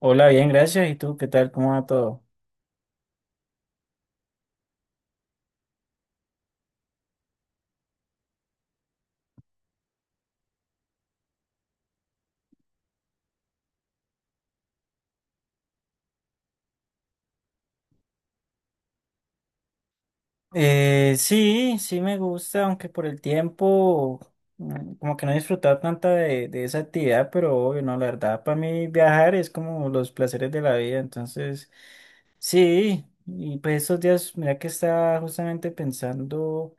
Hola, bien, gracias. ¿Y tú qué tal? ¿Cómo va todo? Sí, me gusta, aunque por el tiempo como que no he disfrutado tanta de esa actividad, pero obvio, no, la verdad, para mí viajar es como los placeres de la vida, entonces sí, y pues estos días, mira que estaba justamente pensando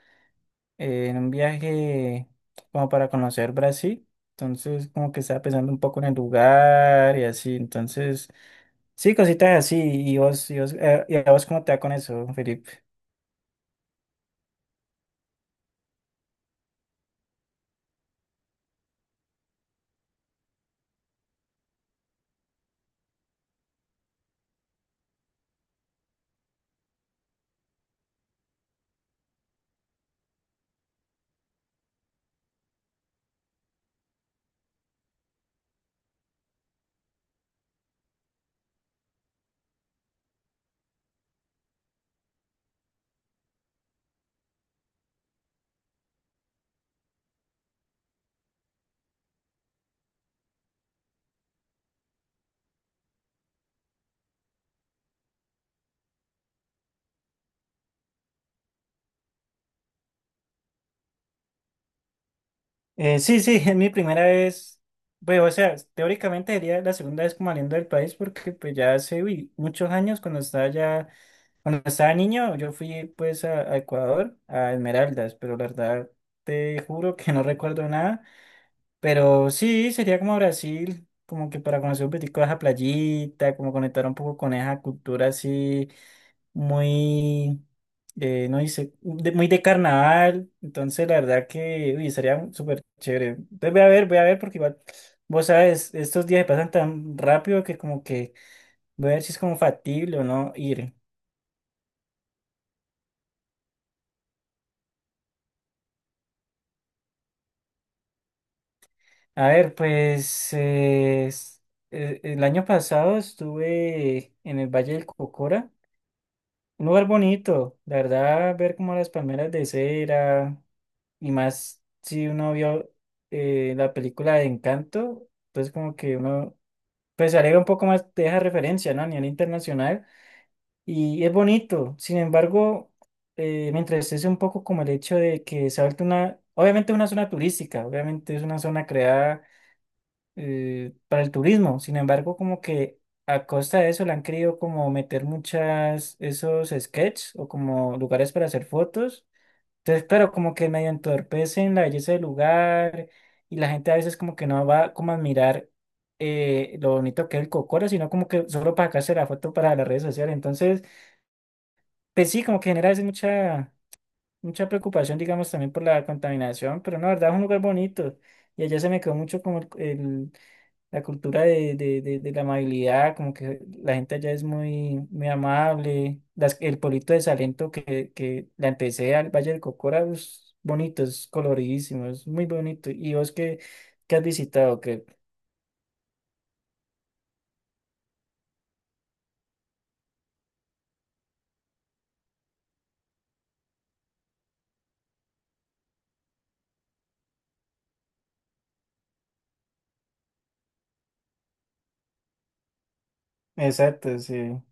en un viaje como para conocer Brasil, entonces como que estaba pensando un poco en el lugar y así, entonces. Sí, cositas así. ¿Y a vos cómo te va con eso, Felipe? Sí, es mi primera vez. Pues, o sea, teóricamente sería la segunda vez como saliendo del país porque pues ya hace uy, muchos años cuando estaba ya, cuando estaba niño, yo fui pues a Ecuador, a Esmeraldas, pero la verdad te juro que no recuerdo nada. Pero sí, sería como Brasil, como que para conocer un poquitico de esa playita, como conectar un poco con esa cultura así muy, no dice, de- muy de carnaval. Entonces, la verdad que uy, estaría súper chévere. Entonces, voy a ver, porque igual, vos sabes, estos días se pasan tan rápido que como que voy a ver si es como factible o no ir. A ver, pues el año pasado estuve en el Valle del Cocora, un lugar bonito, la verdad, ver como las palmeras de cera. Y más si uno vio la película de Encanto, entonces como que uno pues se alegra un poco más de esa referencia, ¿no? A nivel internacional. Y es bonito. Sin embargo, me entristece un poco como el hecho de que se ha vuelto una, obviamente es una zona turística, obviamente es una zona creada para el turismo. Sin embargo, como que a costa de eso le han querido como meter muchas, esos sketches o como lugares para hacer fotos, entonces, pero como que medio entorpecen la belleza del lugar y la gente a veces como que no va como a admirar lo bonito que es el Cocoro, sino como que solo para sacarse la foto para las redes sociales. Entonces, pues sí, como que genera a veces mucha preocupación, digamos, también por la contaminación, pero no, la verdad es un lugar bonito. Y allá se me quedó mucho como el, la cultura de la amabilidad, como que la gente allá es muy, muy amable. Las, el pueblito de Salento que la empecé al Valle del Cocora, es bonito, es coloridísimo, es muy bonito. ¿Y vos qué, qué has visitado? Que exacto, sí.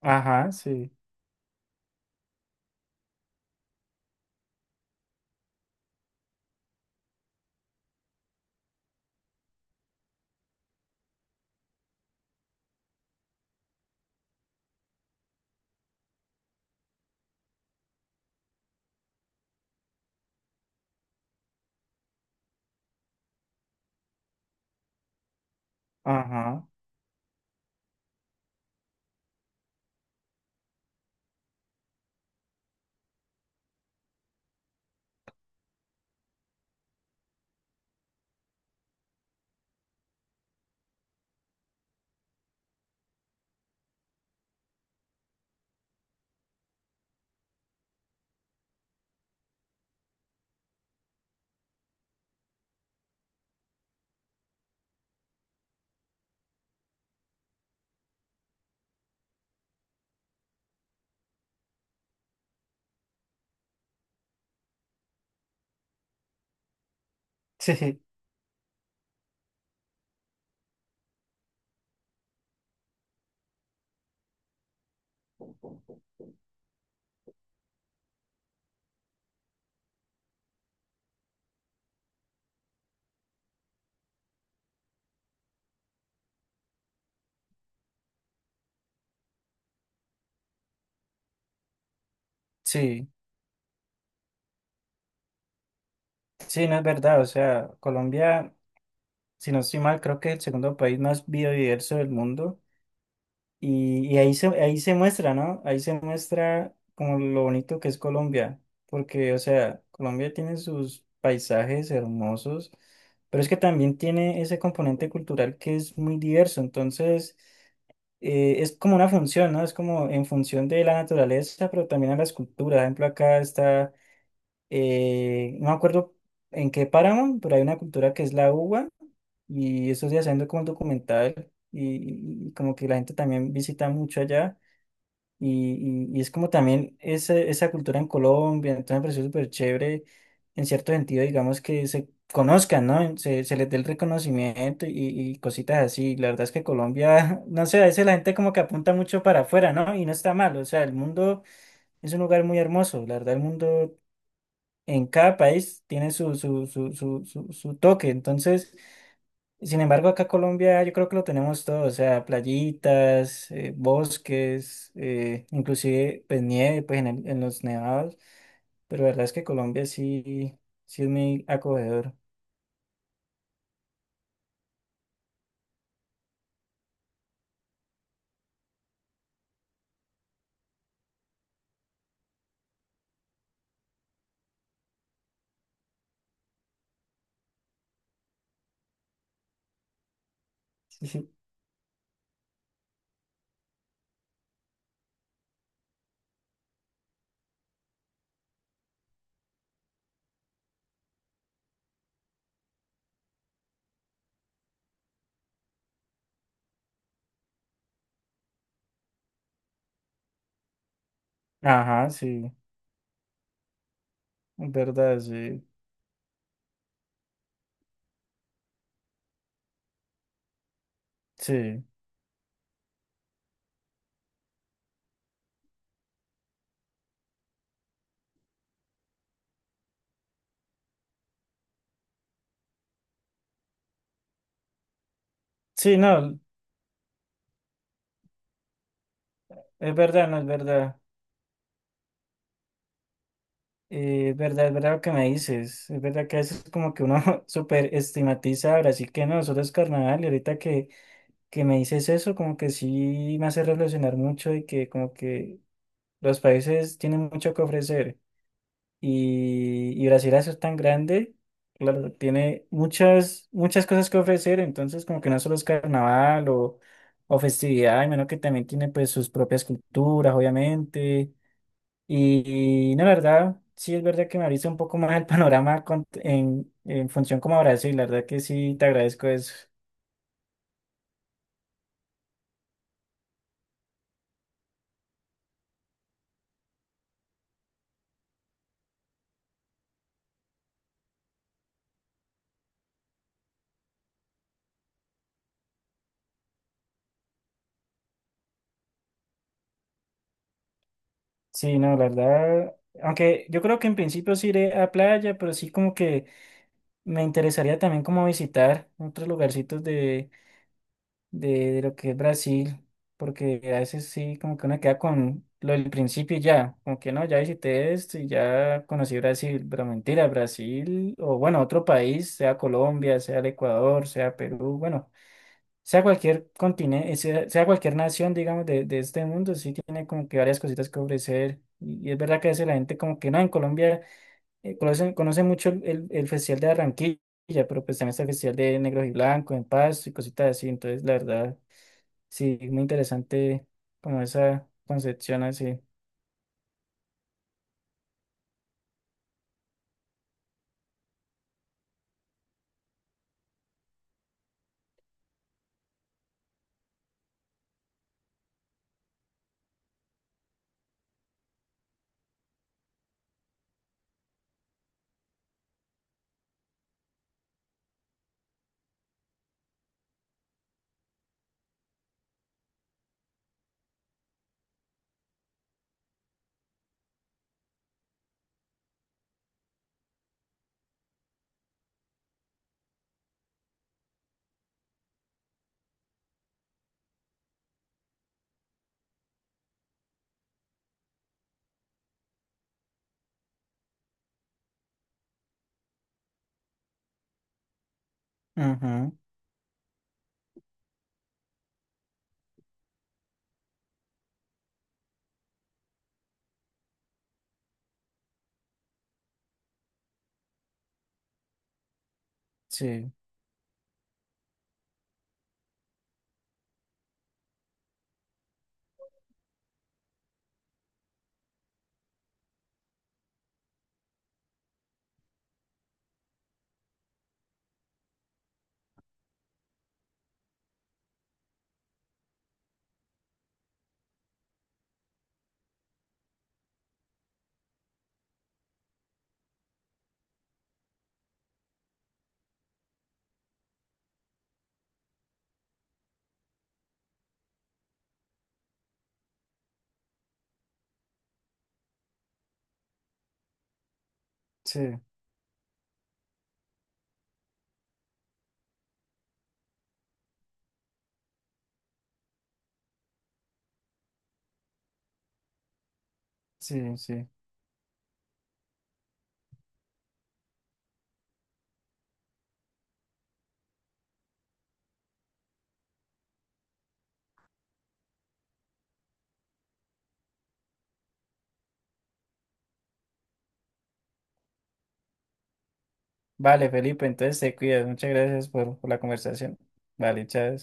Ajá, sí. Ajá. Sí, sí. Sí, no es verdad. O sea, Colombia, si no estoy mal, creo que es el segundo país más biodiverso del mundo. Y, y ahí se muestra, ¿no? Ahí se muestra como lo bonito que es Colombia, porque, o sea, Colombia tiene sus paisajes hermosos, pero es que también tiene ese componente cultural que es muy diverso, entonces es como una función, ¿no? Es como en función de la naturaleza, pero también a las culturas. Por ejemplo, acá está no me acuerdo en qué páramo, pero hay una cultura que es la uva y eso días haciendo como un documental y como que la gente también visita mucho allá y, y es como también esa cultura en Colombia, entonces me pareció súper chévere en cierto sentido, digamos que se conozcan, ¿no? Se les dé el reconocimiento y cositas así. La verdad es que Colombia, no sé, a veces la gente como que apunta mucho para afuera, ¿no? Y no está mal, o sea, el mundo es un lugar muy hermoso, la verdad el mundo en cada país tiene su toque. Entonces, sin embargo, acá Colombia yo creo que lo tenemos todo, o sea, playitas, bosques, inclusive pues nieve, pues en, en los nevados, pero la verdad es que Colombia sí, sí es muy acogedor. Sí, sí. Ajá, sí, es verdad, sí, sí. Sí, no, es verdad, no es verdad. Es verdad, es verdad lo que me dices. Es verdad que a veces como que uno súper estigmatiza a Brasil que no, solo es carnaval y ahorita que me dices eso, como que sí me hace reflexionar mucho y que como que los países tienen mucho que ofrecer y Brasil al ser tan grande, claro, tiene muchas, muchas cosas que ofrecer, entonces como que no solo es carnaval o festividad, menos que también tiene pues sus propias culturas, obviamente, no, la verdad, sí es verdad que me abriste un poco más el panorama en función como a Brasil, la verdad que sí te agradezco eso. Sí, no, la verdad, aunque yo creo que en principio sí iré a playa, pero sí como que me interesaría también como visitar otros lugarcitos de, de lo que es Brasil, porque a veces sí como que uno queda con lo del principio y ya, como que no, ya visité esto y ya conocí Brasil, pero mentira, Brasil, o bueno, otro país, sea Colombia, sea el Ecuador, sea Perú, bueno sea cualquier continente, sea, sea cualquier nación, digamos, de este mundo, sí tiene como que varias cositas que ofrecer. Y es verdad que a veces la gente como que no, en Colombia conoce mucho el, el Festival de Barranquilla, pero pues también está el Festival de Negros y Blancos, en Paz y cositas así. Entonces, la verdad, sí, muy interesante como esa concepción así. Ujú. Sí, sí, sí, sí. Vale, Felipe, entonces te cuidas. Muchas gracias por la conversación. Vale, chao.